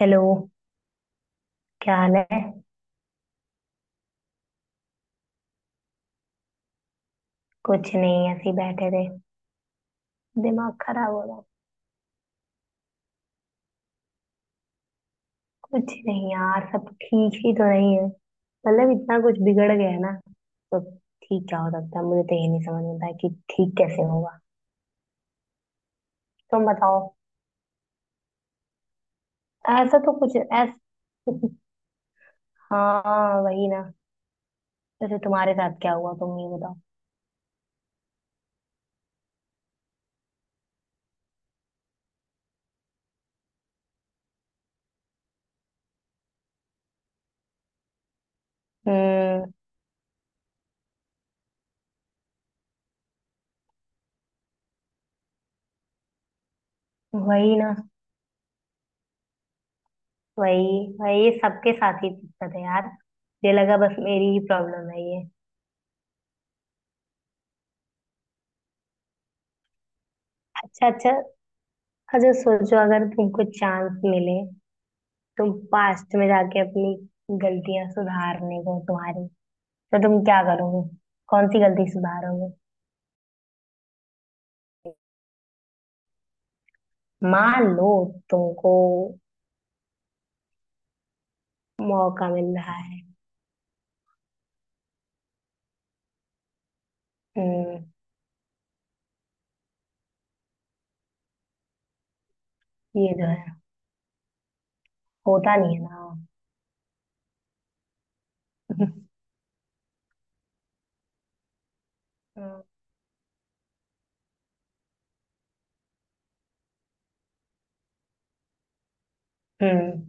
Hello. क्या हाल है? कुछ नहीं, ऐसे ही बैठे थे। दिमाग खराब हो रहा है। कुछ नहीं यार, सब ठीक ही तो नहीं है, मतलब इतना कुछ बिगड़ गया है ना, तो ठीक क्या हो सकता है? मुझे तो ये नहीं समझ में आता है कि ठीक कैसे होगा। तुम बताओ। ऐसा तो कुछ ऐसा। हाँ वही ना। जैसे तुम्हारे साथ क्या हुआ, तुम ये बताओ। हम्म। वही ना। वही। वही सबके साथ ही दिक्कत है यार, मुझे लगा बस मेरी ही प्रॉब्लम है ये। अच्छा अच्छा। अच्छा, सोचो, अगर तुमको चांस मिले, तुम पास्ट में जाके अपनी गलतियां सुधारने को तुम्हारी, तो तुम क्या करोगे? कौन सी गलती सुधारोगे? मान लो, तुमको मौका मिल रहा है। हम्म। ये जो है। होता नहीं है ना। हम्म। हम्म।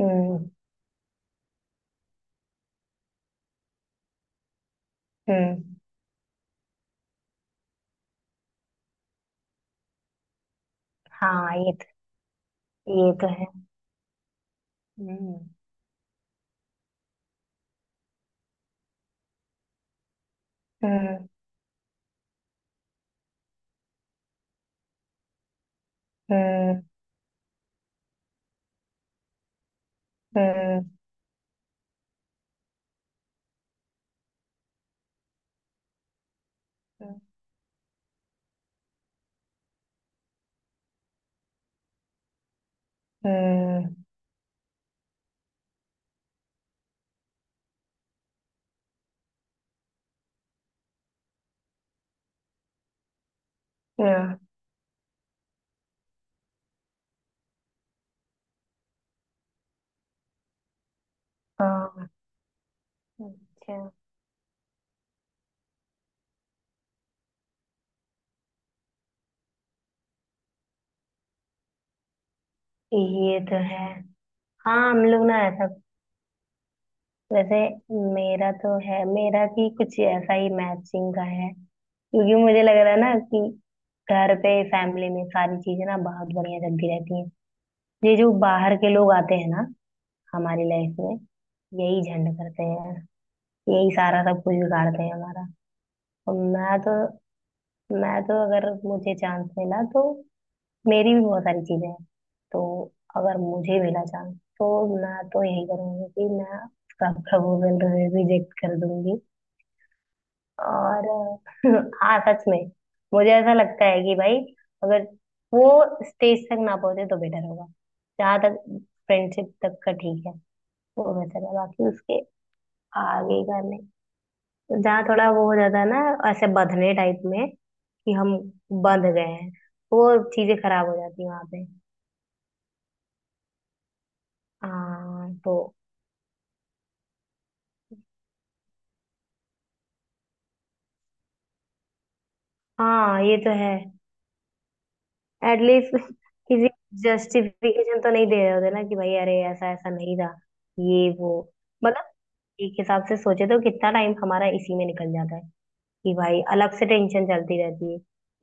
हम्म। हम्म। हाँ ये तो। ये तो है। हम्म। हम्म। हम्म। हम्म। हम्म। हम्म। हाँ। हाँ। अच्छा, ये तो है। हाँ, हम लोग ना ऐसा। वैसे मेरा तो है, मेरा भी कुछ ऐसा ही मैचिंग का है, क्योंकि मुझे लग रहा है ना कि घर पे फैमिली में सारी चीजें ना बहुत बढ़िया चलती रहती हैं। ये जो बाहर के लोग आते हैं ना हमारी लाइफ में, यही झंड करते हैं, यही सारा सब कुछ बिगाड़ते हैं हमारा। और मैं तो अगर मुझे चांस मिला तो, मेरी भी बहुत सारी चीजें हैं, तो अगर मुझे मिला चांस तो मैं तो यही करूंगी कि मैं उसका प्रपोजल रिजेक्ट कर दूंगी। और हाँ, सच में मुझे ऐसा लगता है कि भाई, अगर वो स्टेज तक ना पहुंचे तो बेटर होगा। जहां तक फ्रेंडशिप तक का ठीक है, वो बेहतर है, बाकी उसके आगे का नहीं। जहाँ थोड़ा वो हो जाता है ना, ऐसे बंधने टाइप में, कि हम बंध गए हैं, वो चीजें खराब हो जाती हैं वहां पे। हाँ तो। हाँ ये तो है। एटलीस्ट किसी जस्टिफिकेशन तो नहीं दे रहे होते ना कि भाई, अरे ऐसा ऐसा नहीं था, ये वो, मतलब एक हिसाब से सोचे तो कितना टाइम हमारा इसी में निकल जाता है कि भाई अलग से टेंशन चलती रहती है,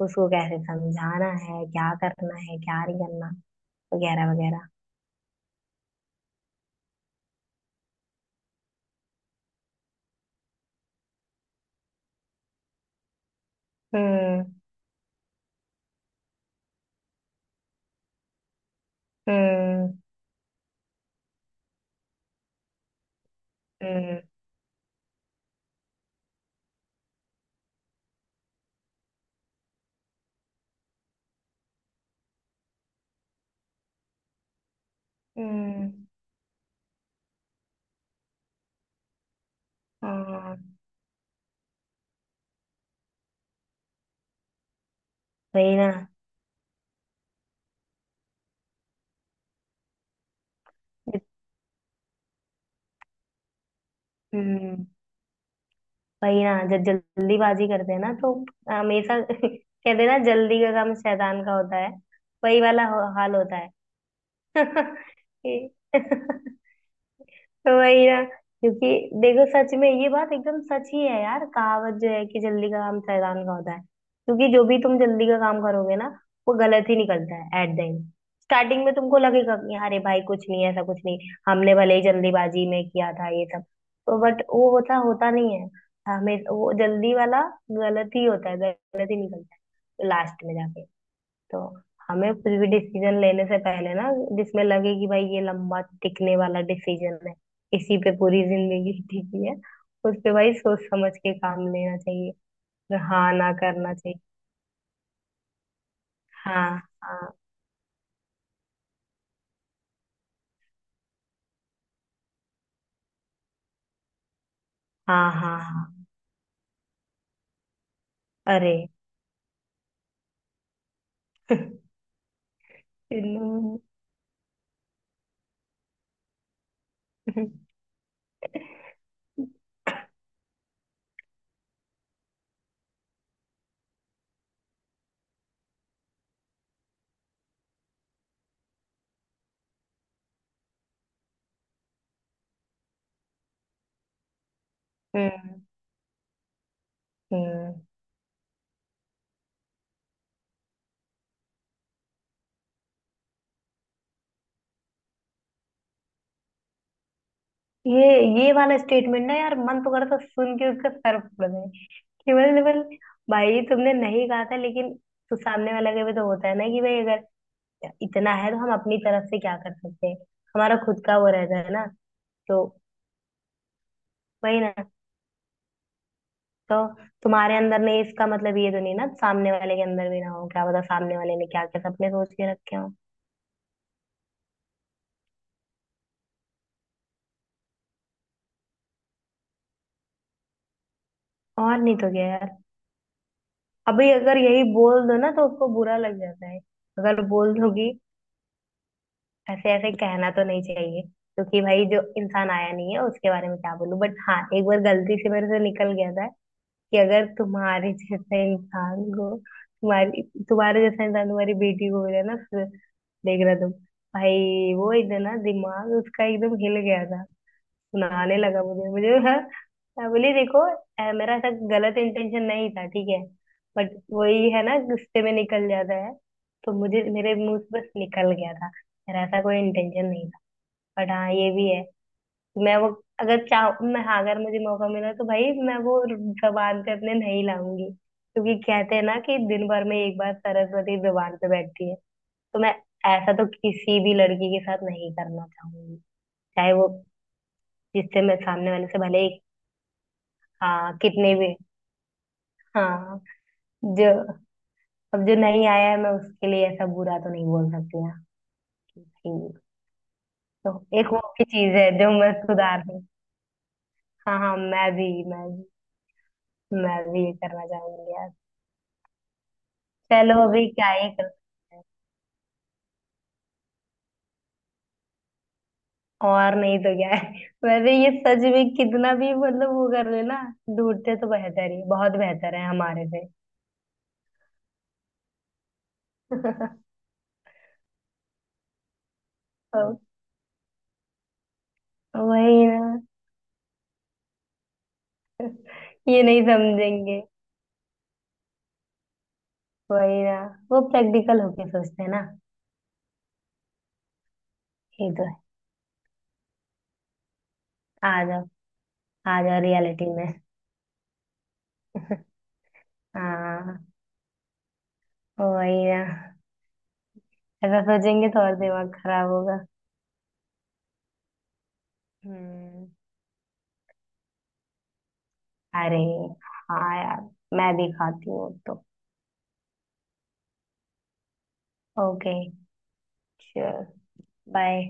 उसको कैसे समझाना है, क्या करना है, क्या नहीं करना, वगैरह वगैरह। हम्म। हम्म। हम्म। हम्म। हाँ वही ना। हम्म। वही ना, जब जल्दीबाजी करते हैं ना तो हमेशा कहते हैं ना, जल्दी का काम शैतान का होता है। वही वाला हाल होता है। कि- तो वही ना, क्योंकि देखो, सच में ये बात एकदम सच ही है यार, कहावत जो है कि जल्दी का काम शैतान का होता है, क्योंकि जो भी तुम जल्दी का काम करोगे ना, वो गलत ही निकलता है एट द एंड। स्टार्टिंग में तुमको लगेगा कि अरे भाई कुछ नहीं है, ऐसा कुछ नहीं, हमने भले ही जल्दीबाजी में किया था ये सब, तो बट वो होता होता नहीं है। हमें वो जल्दी वाला गलत ही होता है, गलत ही निकलता है लास्ट में जाके। तो हमें कुछ भी डिसीजन लेने से पहले ना, जिसमें लगे कि भाई ये लंबा टिकने वाला डिसीजन है, इसी पे पूरी जिंदगी टिकी है, उस पे भाई सोच समझ के काम लेना चाहिए। हाँ, ना करना चाहिए। हाँ। हाँ। हाँ। हाँ। हाँ। अरे। हम्म। हम्म। ये ये वाला स्टेटमेंट ना यार, मन तो करता है सुन के उसका सर फोड़ दे। केवल केवल भाई तुमने नहीं कहा था, लेकिन तो सामने वाला के भी तो होता है ना कि भाई अगर इतना है तो हम अपनी तरफ से क्या कर सकते हैं? हमारा खुद का वो रहता है ना। तो वही ना। तो तुम्हारे अंदर नहीं इसका मतलब ये तो नहीं ना सामने वाले के अंदर भी ना हो, क्या पता सामने वाले ने क्या क्या सपने सोच के रखे हो। और नहीं तो क्या यार, अभी अगर यही बोल दो ना तो उसको बुरा लग जाता है। अगर बोल दोगी, ऐसे ऐसे कहना तो नहीं चाहिए, क्योंकि भाई जो इंसान आया नहीं है उसके बारे में क्या बोलूं, बट हाँ, एक बार गलती से मेरे से निकल गया था कि अगर तुम्हारे जैसा इंसान को तुम्हारी, तुम्हारे जैसा इंसान तुम्हारी बेटी को मिला ना, फिर देख रहा तुम। भाई वो एकदम ना, दिमाग उसका एकदम हिल गया था, सुनाने लगा मुझे मुझे हाँ। मैं बोली देखो, मेरा ऐसा गलत इंटेंशन नहीं था, ठीक है, बट वही है ना, गुस्से में निकल जाता है, तो मुझे मेरे मुंह से बस निकल गया था, मेरा ऐसा कोई इंटेंशन नहीं था, बट हाँ ये भी है। तो मैं वो, अगर चाह मैं, हाँ, अगर मुझे मौका मिला तो भाई मैं वो जबान पे अपने नहीं लाऊंगी, क्योंकि कहते हैं ना कि दिन भर में एक बार सरस्वती जबान पे बैठती है। तो मैं ऐसा तो किसी भी लड़की के साथ नहीं करना चाहूंगी, चाहे वो, जिससे मैं सामने वाले से भले ही। हाँ कितने भी। हाँ। जो। अब जो नहीं आया है मैं उसके लिए ऐसा बुरा तो नहीं बोल सकती ना। ठीक। तो एक वो भी चीज है जो मैं सुधार हूँ। हाँ हाँ, मैं भी, मैं भी ये करना चाहूंगी यार। चलो, अभी क्या ही कर सकते हैं? और नहीं तो क्या है। वैसे ये सच में कितना भी, मतलब वो कर ले ना, ढूंढते तो बेहतर ही, बहुत बेहतर है हमारे से। अब वही ना, ये नहीं समझेंगे। वही ना। वो प्रैक्टिकल होके सोचते हैं ना। ये तो है। आ जाओ। आ जाओ रियलिटी में। हाँ वही ना। ऐसा सोचेंगे तो और दिमाग खराब होगा। हम्म। अरे, हाँ यार, मैं भी खाती हूँ तो। ओके। श्योर। बाय।